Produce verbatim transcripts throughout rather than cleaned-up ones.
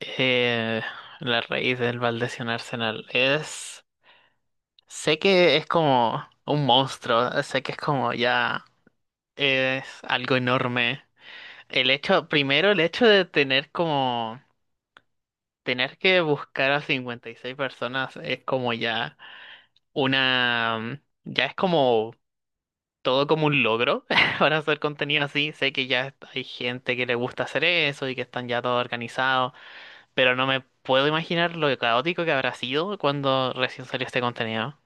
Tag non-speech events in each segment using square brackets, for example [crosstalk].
Eh, la raíz del Valdez y Arsenal es... Sé que es como un monstruo, sé que es como ya es algo enorme. El hecho, primero el hecho de tener como... Tener que buscar a cincuenta y seis personas es como ya una... Ya es como todo como un logro [laughs] para hacer contenido así. Sé que ya hay gente que le gusta hacer eso y que están ya todos organizados. Pero no me puedo imaginar lo caótico que habrá sido cuando recién salió este contenido.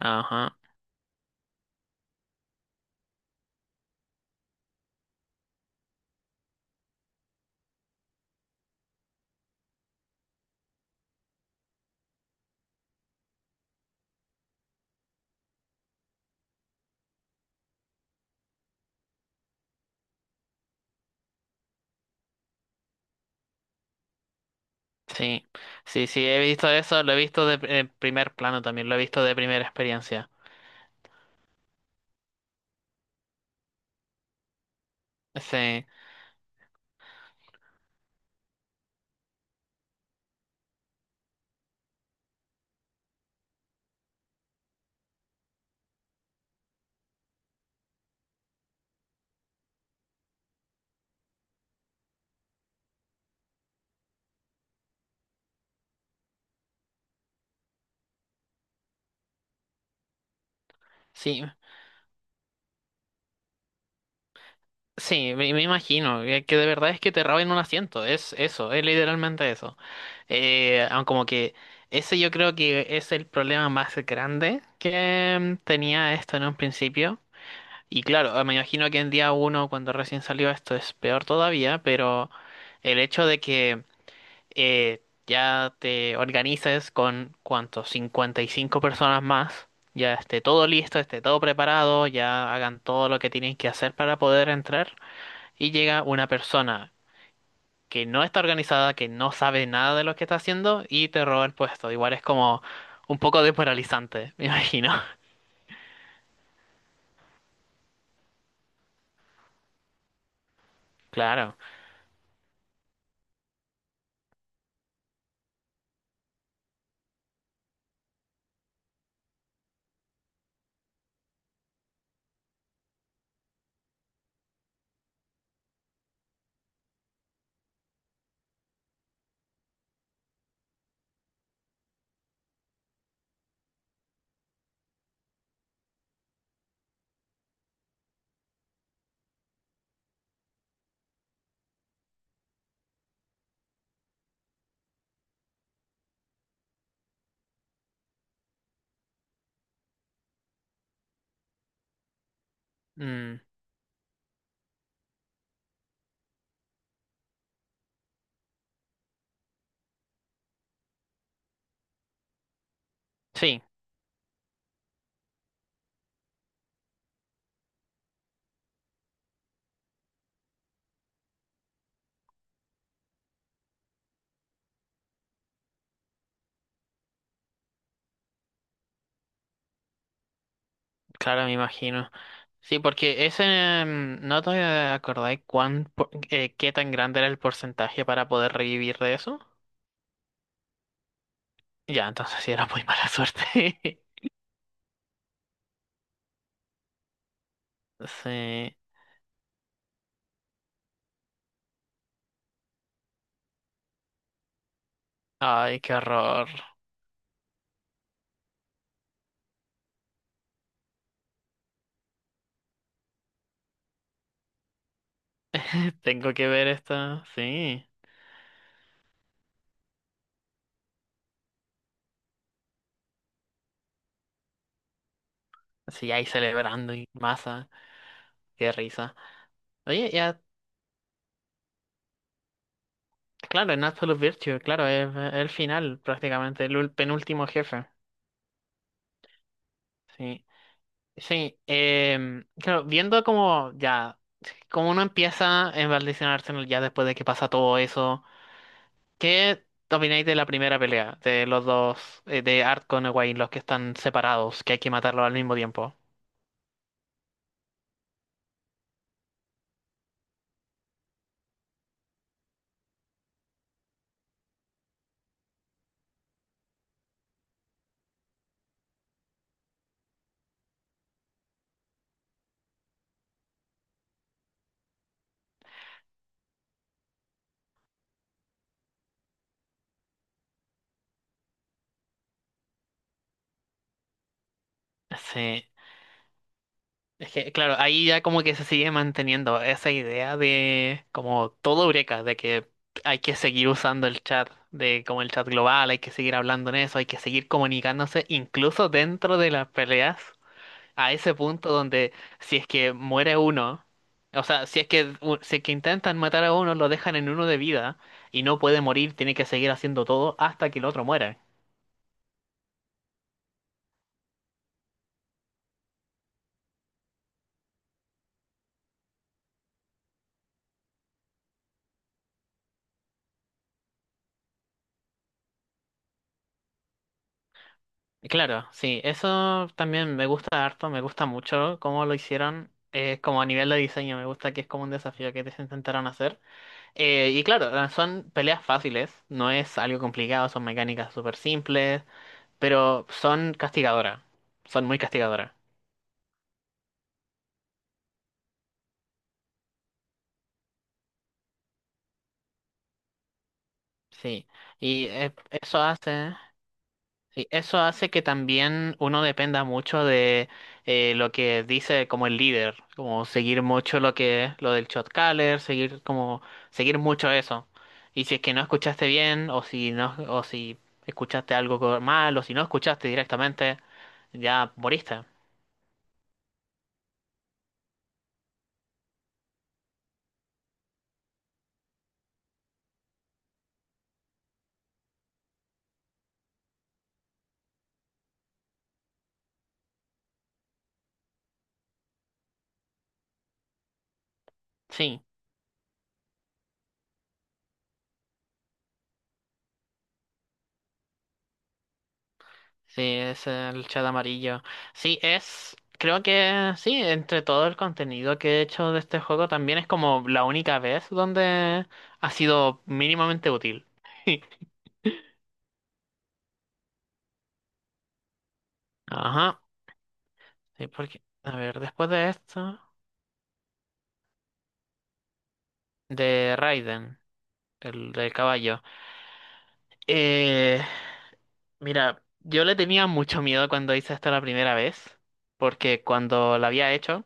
Ajá, sí, sí, sí, he visto eso, lo he visto de pr- en primer plano también, lo he visto de primera experiencia. Sí, sí, sí, me, me imagino eh, que de verdad es que te roben un asiento, es eso, es literalmente eso. Eh, aun como que ese yo creo que es el problema más grande que mm, tenía esto en un principio. Y claro, ah, me imagino que en día uno, cuando recién salió esto, es peor todavía, pero el hecho de que eh, ya te organices con, ¿cuánto? Cincuenta y cinco personas más, ya esté todo listo, esté todo preparado, ya hagan todo lo que tienen que hacer para poder entrar, y llega una persona que no está organizada, que no sabe nada de lo que está haciendo, y te roba el puesto. Igual es como un poco desmoralizante, me imagino. [laughs] Claro. Mm, sí, claro, me imagino. Sí, porque ese, mm, no te acordáis cuán, por- eh, qué tan grande era el porcentaje para poder revivir de eso. Ya, entonces sí era muy mala suerte. [laughs] Sí. Ay, qué horror. [laughs] Tengo que ver esto. Sí. Sí, ahí celebrando y masa. Qué risa. Oye, ya, claro, en Absolute Virtue, claro, es el final prácticamente, el ul- penúltimo jefe. Sí. Sí, em, claro, viendo como ya, como uno empieza en Valdición Arsenal ya después de que pasa todo eso, ¿qué opináis de la primera pelea de los dos, eh, de Art con Egwene, los que están separados, que hay que matarlos al mismo tiempo? Sí. Es que, claro, ahí ya como que se sigue manteniendo esa idea de como todo Eureka, de que hay que seguir usando el chat, de como el chat global, hay que seguir hablando en eso, hay que seguir comunicándose incluso dentro de las peleas, a ese punto donde si es que muere uno, o sea, si es que, u- si es que intentan matar a uno, lo dejan en uno de vida y no puede morir, tiene que seguir haciendo todo hasta que el otro muera. Y claro, sí, eso también me gusta harto, me gusta mucho cómo lo hicieron. Eh, como a nivel de diseño, me gusta que es como un desafío que te intentaron hacer. Eh, y claro, ah, son peleas fáciles, no es algo complicado, son mecánicas súper simples, pero son castigadoras, son muy castigadoras. Sí, y eh, eso hace, sí, eso hace que también uno dependa mucho de eh, lo que dice como el líder, como seguir mucho lo que lo del shot caller, seguir como seguir mucho eso. Y si es que no escuchaste bien o si no o si escuchaste algo co- mal o si no escuchaste directamente, ya moriste. Sí. Sí, es el chat amarillo. Sí, es. Creo que sí, entre todo el contenido que he hecho de este juego, también es como la única vez donde ha sido mínimamente útil. [laughs] Ajá. Sí, porque. A ver, después de esto. De Raiden, el del caballo. Eh. Mira, yo le tenía mucho miedo cuando hice esto la primera vez, porque cuando lo había hecho.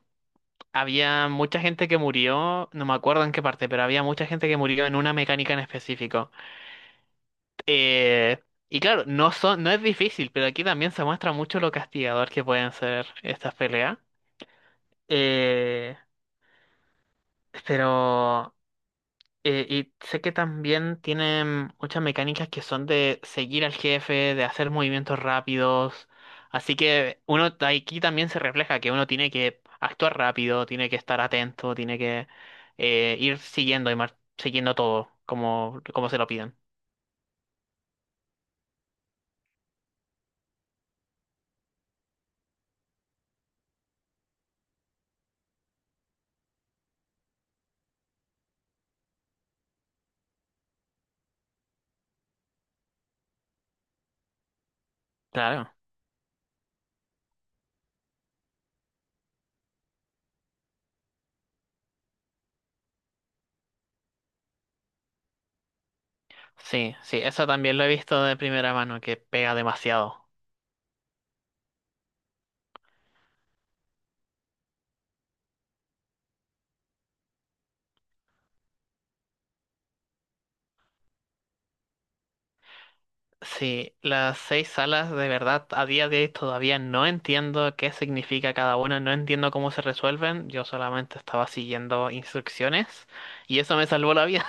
Había mucha gente que murió, no me acuerdo en qué parte, pero había mucha gente que murió en una mecánica en específico. Eh, y claro, no son, no es difícil, pero aquí también se muestra mucho lo castigador que pueden ser estas peleas. Eh, pero Eh, y sé que también tienen muchas mecánicas que son de seguir al jefe, de hacer movimientos rápidos. Así que uno t- aquí también se refleja que uno tiene que actuar rápido, tiene que estar atento, tiene que eh, ir siguiendo y mar- siguiendo todo como, como se lo piden. Claro. Sí, sí, eso también lo he visto de primera mano, que pega demasiado. Sí, las seis salas de verdad a día de hoy todavía no entiendo qué significa cada una, no entiendo cómo se resuelven, yo solamente estaba siguiendo instrucciones y eso me salvó la vida.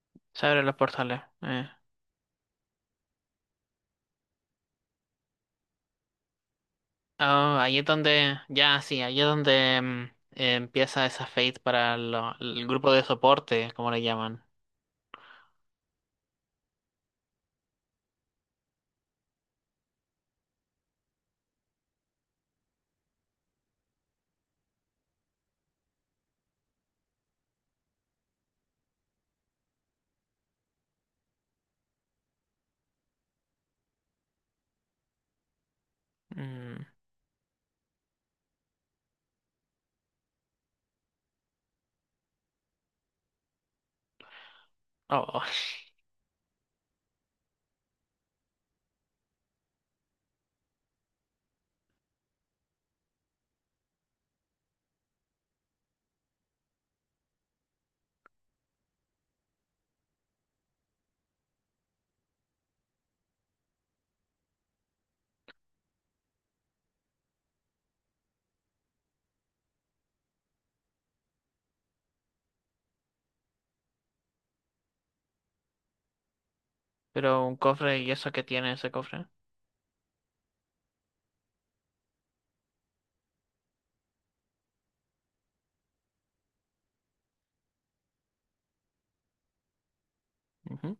[laughs] Se abren los portales. eh. Ah, ahí es donde, ya sí, ahí es donde mm, eh, empieza esa fate para lo- el grupo de soporte, como le llaman. Mm. Oh, [laughs] pero un cofre y eso que tiene ese cofre. Ujú.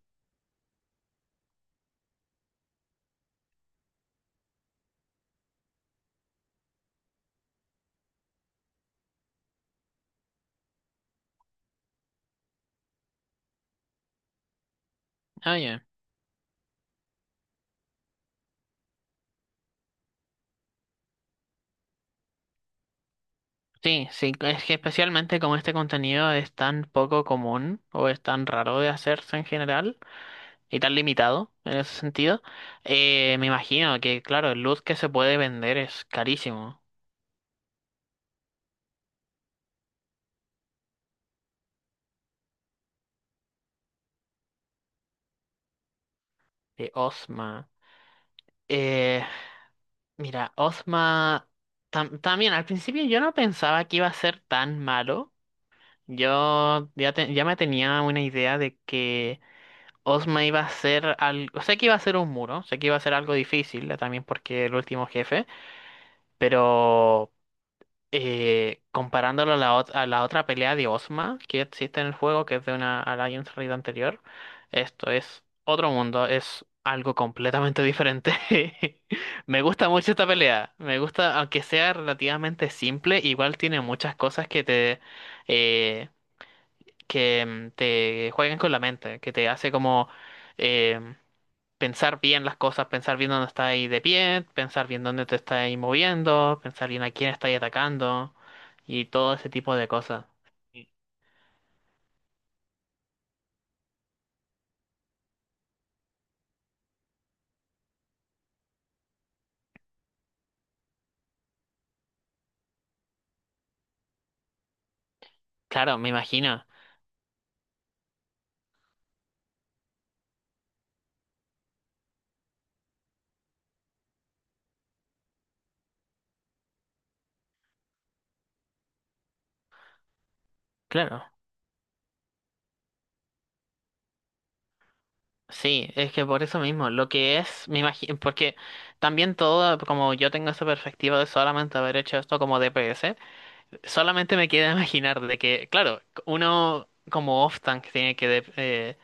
Ah, ya. Sí, sí, es que especialmente como este contenido es tan poco común o es tan raro de hacerse en general y tan limitado en ese sentido, eh, me imagino que, claro, el luz que se puede vender es carísimo. De Osma. Eh, mira, Osma tam- también al principio yo no pensaba que iba a ser tan malo. Yo ya, te- ya me tenía una idea de que Osma iba a ser algo, sé que iba a ser un muro, sé que iba a ser algo difícil, eh, también porque el último jefe. Pero eh, comparándolo a la, ot- a la otra pelea de Ozma que existe en el juego, que es de una Alliance Raid anterior, esto es otro mundo, es algo completamente diferente. [laughs] Me gusta mucho esta pelea, me gusta, aunque sea relativamente simple, igual tiene muchas cosas que te, eh, que mm, te juegan con la mente, que te hace como... em, pensar bien las cosas, pensar bien dónde está ahí de pie, pensar bien dónde te está ahí moviendo, pensar bien a quién está ahí atacando y todo ese tipo de cosas. Y claro, me imagino. Claro. Sí, es que por eso mismo, lo que es, me imagino, porque también todo, como yo tengo esa perspectiva de solamente haber hecho esto como D P S. Solamente me queda imaginar de que, claro, uno como off-tank tiene que de- eh,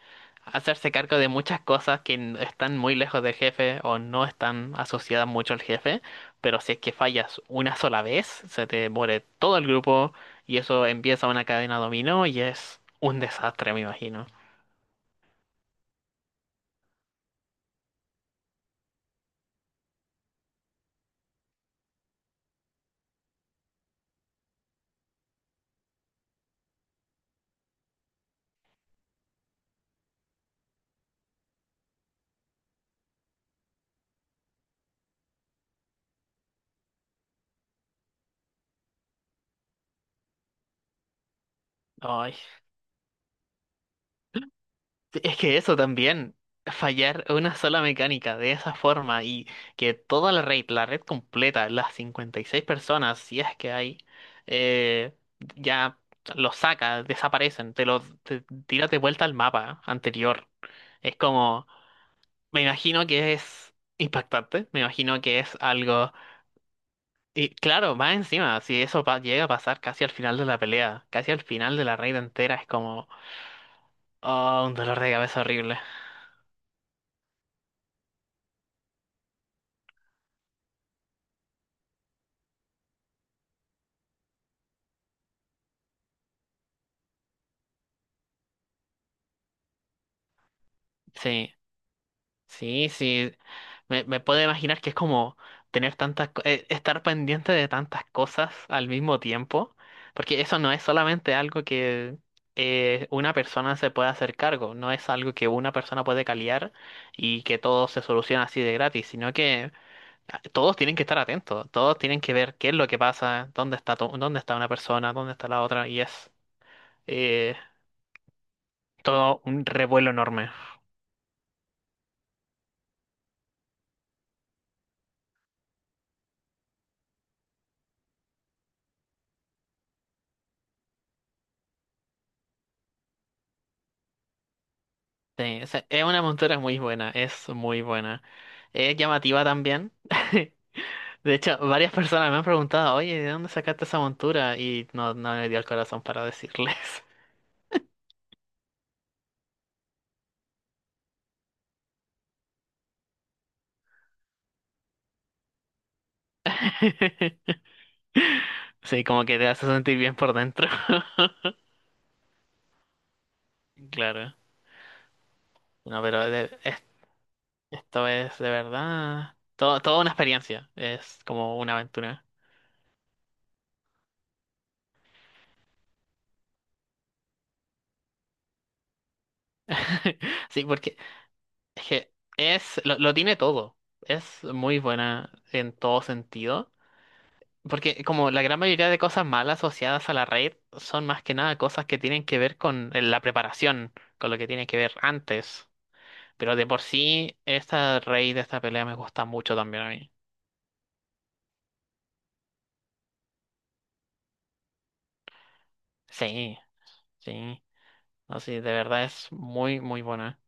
hacerse cargo de muchas cosas que n- están muy lejos del jefe o no están asociadas mucho al jefe, pero si es que fallas una sola vez, se te muere todo el grupo y eso empieza una cadena dominó y es un desastre, me imagino. Ay. Es que eso también, fallar una sola mecánica de esa forma y que toda la red, la red completa, las cincuenta y seis personas, si es que hay, eh, ya los saca, desaparecen, te los te, tira de vuelta al mapa anterior. Es como, me imagino que es impactante, me imagino que es algo... Y claro, más encima, si eso pa- llega a pasar casi al final de la pelea, casi al final de la raid entera, es como, oh, un dolor de cabeza horrible. Sí. Sí, sí, me, me puedo imaginar que es como tener tantas, co- eh, estar pendiente de tantas cosas al mismo tiempo, porque eso no es solamente algo que eh, una persona se puede hacer cargo, no es algo que una persona puede caliar y que todo se soluciona así de gratis, sino que ah, todos tienen que estar atentos, todos tienen que ver qué es lo que pasa, dónde está, to- dónde está una persona, dónde está la otra, y es eh, todo un revuelo enorme. Sí, o sea, es una montura muy buena, es muy buena. Es llamativa también. [laughs] De hecho, varias personas me han preguntado, oye, ¿de dónde sacaste esa montura? Y no, no me dio el corazón para decirles. [laughs] Sí, como que te hace sentir bien por dentro. [laughs] Claro. No, pero de- es- esto es de verdad. Todo, toda una experiencia. Es como una aventura. [laughs] Sí, porque es que es, lo, lo tiene todo. Es muy buena en todo sentido. Porque como la gran mayoría de cosas malas asociadas a la raid son más que nada cosas que tienen que ver con el- la preparación, con lo que tiene que ver antes. Pero de por sí, esta raid, esta pelea me gusta mucho también a mí. Sí, sí. No, sí, de verdad es muy, muy buena.